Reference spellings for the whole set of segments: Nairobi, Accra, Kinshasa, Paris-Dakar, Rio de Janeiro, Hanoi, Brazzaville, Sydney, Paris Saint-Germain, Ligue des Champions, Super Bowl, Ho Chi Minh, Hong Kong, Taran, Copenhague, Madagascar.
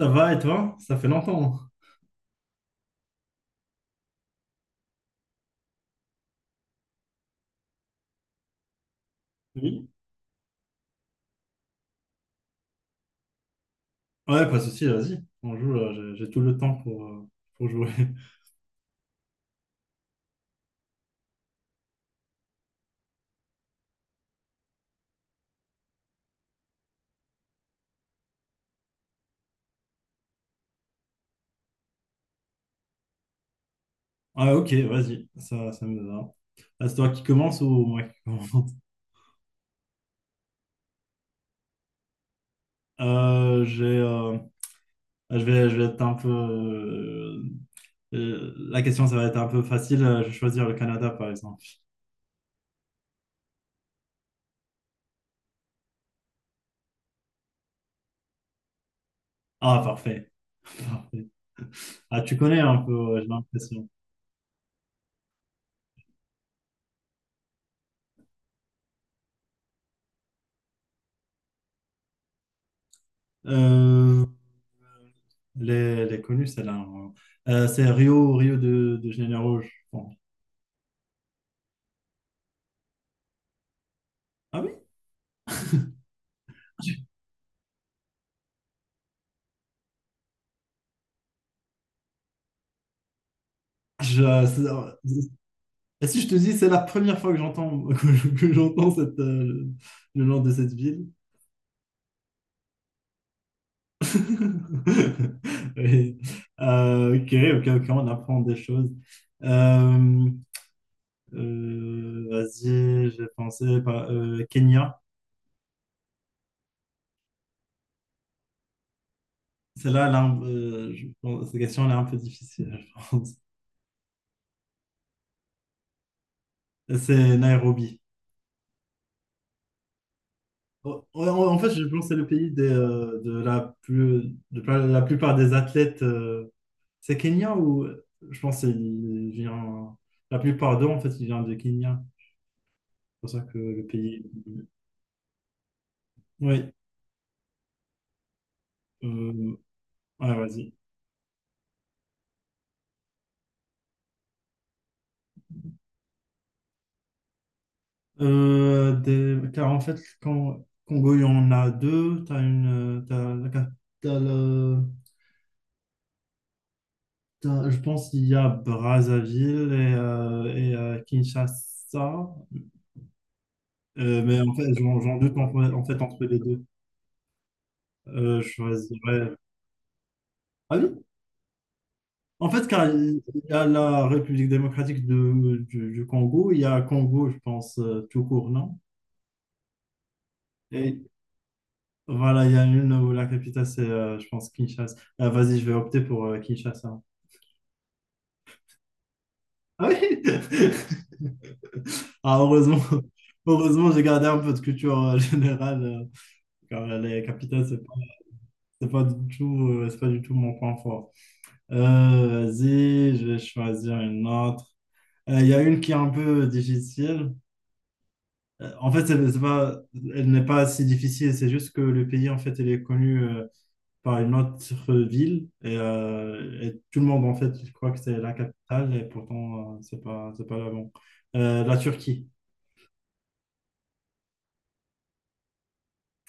Ça va et toi? Ça fait longtemps. Oui, ouais, pas de souci, vas-y. On joue, là, j'ai tout le temps pour jouer. Ah, ok, vas-y, ça me va. Ah, c'est toi qui commence ou moi qui commence? Euh, j'ai, euh, je vais être un peu. La question, ça va être un peu facile. Je vais choisir le Canada, par exemple. Ah, parfait. Parfait. Ah, tu connais un peu, ouais, j'ai l'impression. Euh, les connus, celle-là. Hein. C'est Rio, Rio de Janeiro, je pense. Ah oui? Je- c'est- et si je te dis, c'est la première fois que j'entends que j'entends cette, le nom de cette ville. Oui. Euh, ok, ok, on apprend des choses. Euh, vas-y, Kenya. Celle-là, cette question elle est un peu difficile, je pense. C'est Nairobi. En fait, je pense que c'est le pays de la plus, de la plupart des athlètes. Euh, c'est Kenya ou je pense qu'il vient. La plupart d'eux, en fait, ils viennent de Kenya. C'est pour ça que le pays. Oui. Euh... Ouais, vas-y. Des- car en fait, quand Congo, il y en a deux. T'as une. T'as la cap- t'as le- t'as- je pense qu'il y a Brazzaville et Kinshasa. Mais en fait, j'en doute en fait, entre les deux. Je choisirais. Ah oui? En fait, car il y a la République démocratique du Congo, il y a Congo, je pense, tout court, non? Et voilà, il y a une où la capitale, c'est, je pense, Kinshasa. Ah, vas-y, je vais opter pour Kinshasa. Ah oui? Ah, heureusement, j'ai gardé un peu de culture générale, car les capitales, c'est pas du tout, c'est pas du tout mon point fort. Vas-y, je vais choisir une autre. Il y a une qui est un peu difficile. En fait, elle n'est pas si difficile, c'est juste que le pays, en fait, elle est connue par une autre ville et et tout le monde, en fait, il croit que c'est la capitale et pourtant, c'est pas là bon. La Turquie.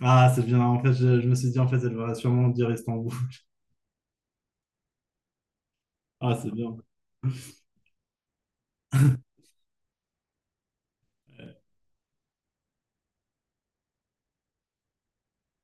Ah, c'est bien, en fait, je me suis dit, en fait, elle va sûrement dire Istanbul. Ah, c'est bien.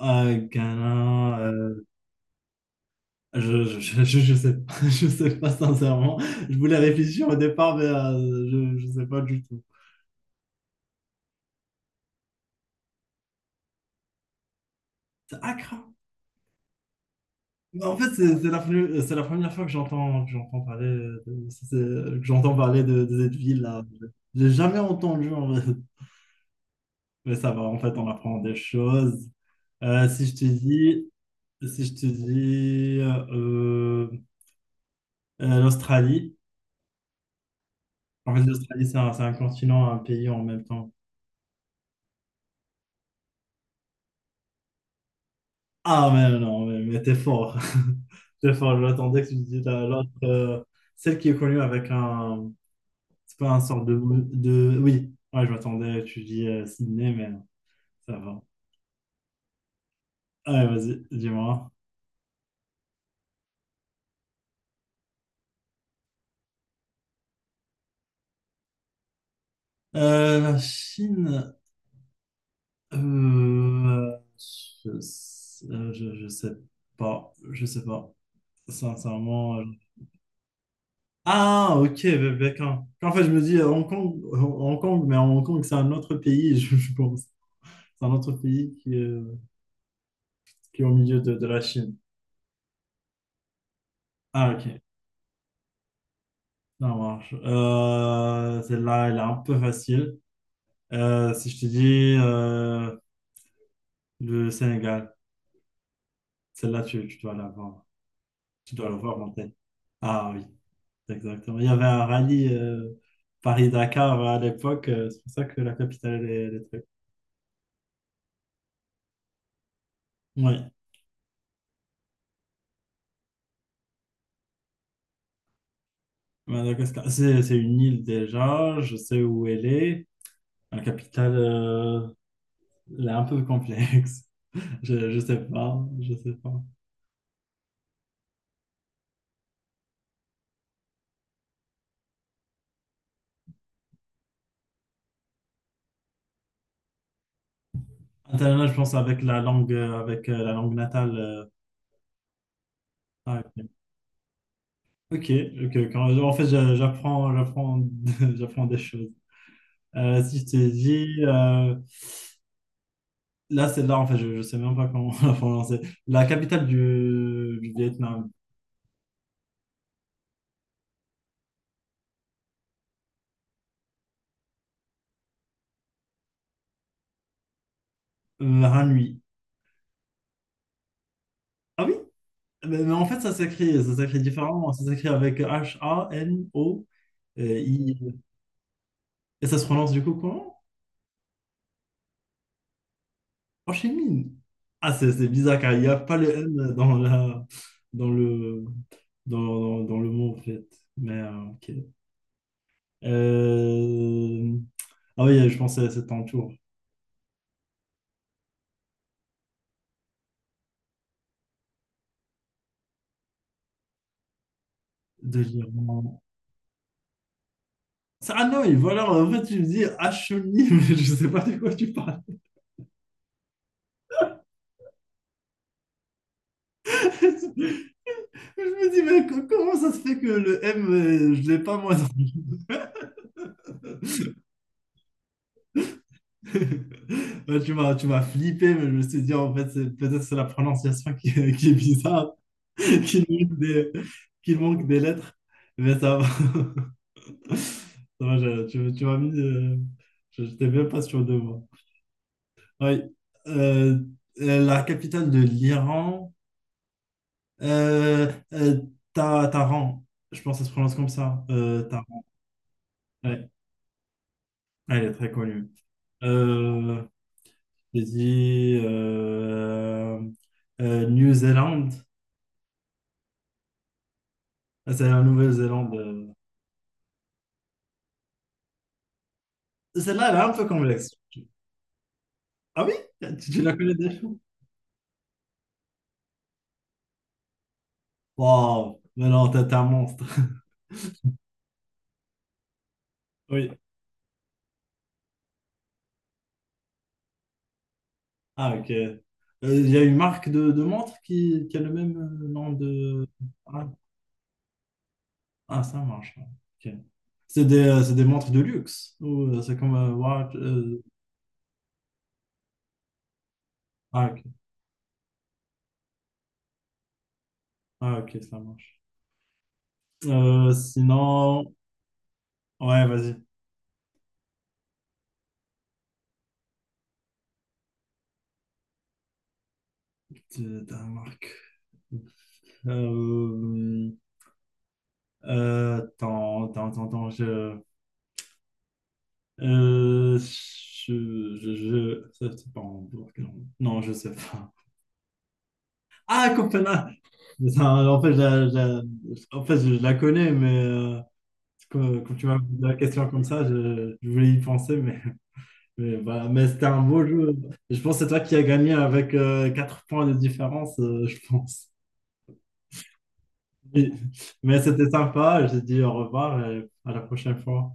Ghana, je sais pas, je sais pas sincèrement. Je voulais réfléchir au départ, mais je sais pas du tout. C'est Accra. Mais en fait, c'est la première fois que j'entends parler de, que j'entends parler de cette ville-là. J'ai jamais entendu, en fait. Mais ça va, en fait, on apprend des choses. Euh, si je te dis, si je te dis l'Australie, en fait, l'Australie, c'est un continent, un pays en même temps. Ah, mais non, mais t'es fort. T'es fort, j'attendais que tu me dises l'autre, celle qui est connue avec un, c'est pas un sort de... Oui, ouais, je m'attendais, tu dis Sydney, mais ça va. Allez, vas-y, dis-moi. La Chine, euh, je, sais- euh, je, je sais je sais pas, sincèrement. Euh. Ah, ok, quand- en fait, je me dis Hong Kong, mais Hong Kong, c'est un autre pays, je pense. C'est un autre pays qui est au milieu de la Chine. Ah, ok, ça marche. Celle-là, elle est un peu facile. Si je te dis le Sénégal, celle-là, tu dois l'avoir, tu dois la voir en tête. Ah oui, exactement. Il y avait un rallye Paris-Dakar à l'époque, c'est pour ça que la capitale, elle est très- oui, Madagascar. C'est une île déjà, je sais où elle est. La capitale, elle est un peu complexe. Je sais pas, je sais pas. Internet, je pense avec la langue natale. Euh, ah, ok. Ok, ok, quand, en fait, j'apprends des choses. Si je t'ai dit, c'est là, en fait, je sais même pas comment la prononcer. La capitale du Vietnam, Hanoi. Ah oui? Mais en fait, ça s'écrit différemment. Ça s'écrit avec HANO, I. Et ça se prononce du coup comment? Ho Chi Minh. Ah, c'est bizarre car il n'y a pas le N dans la, dans le, dans, dans le mot, en fait. Mais, ok. Euh, ah oui, je pensais à cet entour de l'Irlande. Ah non, et voilà, en fait, tu me dis Achony, mais je sais pas de quoi tu parles. Je me dis, mais co- comment ça se fait que le M, je l'ai pas moi dans ouais, tu m'as flippé, mais je me suis dit, en fait, c'est- peut-être c'est la prononciation est qui est bizarre, qu'il manque des, qu'il manque des lettres, mais ça va. Ça va, je- tu m'as mis, je n'étais même pas sûr de moi. Oui. Euh, la capitale de l'Iran, euh, euh, Ta- Taran, je pense que ça se prononce comme ça. Taran. Ouais. Elle est très connue. Euh, j'ai dit New Zealand, ah, c'est la Nouvelle-Zélande. Euh. Celle-là, elle est un peu complexe. Ah oui? Tu la connais déjà? Wow, mais non, t'es un monstre. Oui. Ah, ok. Il y a une marque de montre qui a le même nom de. Ah, ah, ça marche. Ouais. Ok. C'est des montres de luxe ou c'est comme watch. Euh, ah, ok. Ah, ok, ça marche. Sinon, ouais, vas-y. De ta marque. Euh, attends, ça, c'est pas en bloc, non, je sais pas. Ah, Copenhague! Putain, en fait, je la- en fait, je la connais, mais quand tu m'as posé la question comme ça, je voulais y penser, mais, bah, mais c'était un beau jeu. Je pense que c'est toi qui as gagné avec 4 points de différence, je pense. Oui. Mais c'était sympa. J'ai dit au revoir et à la prochaine fois.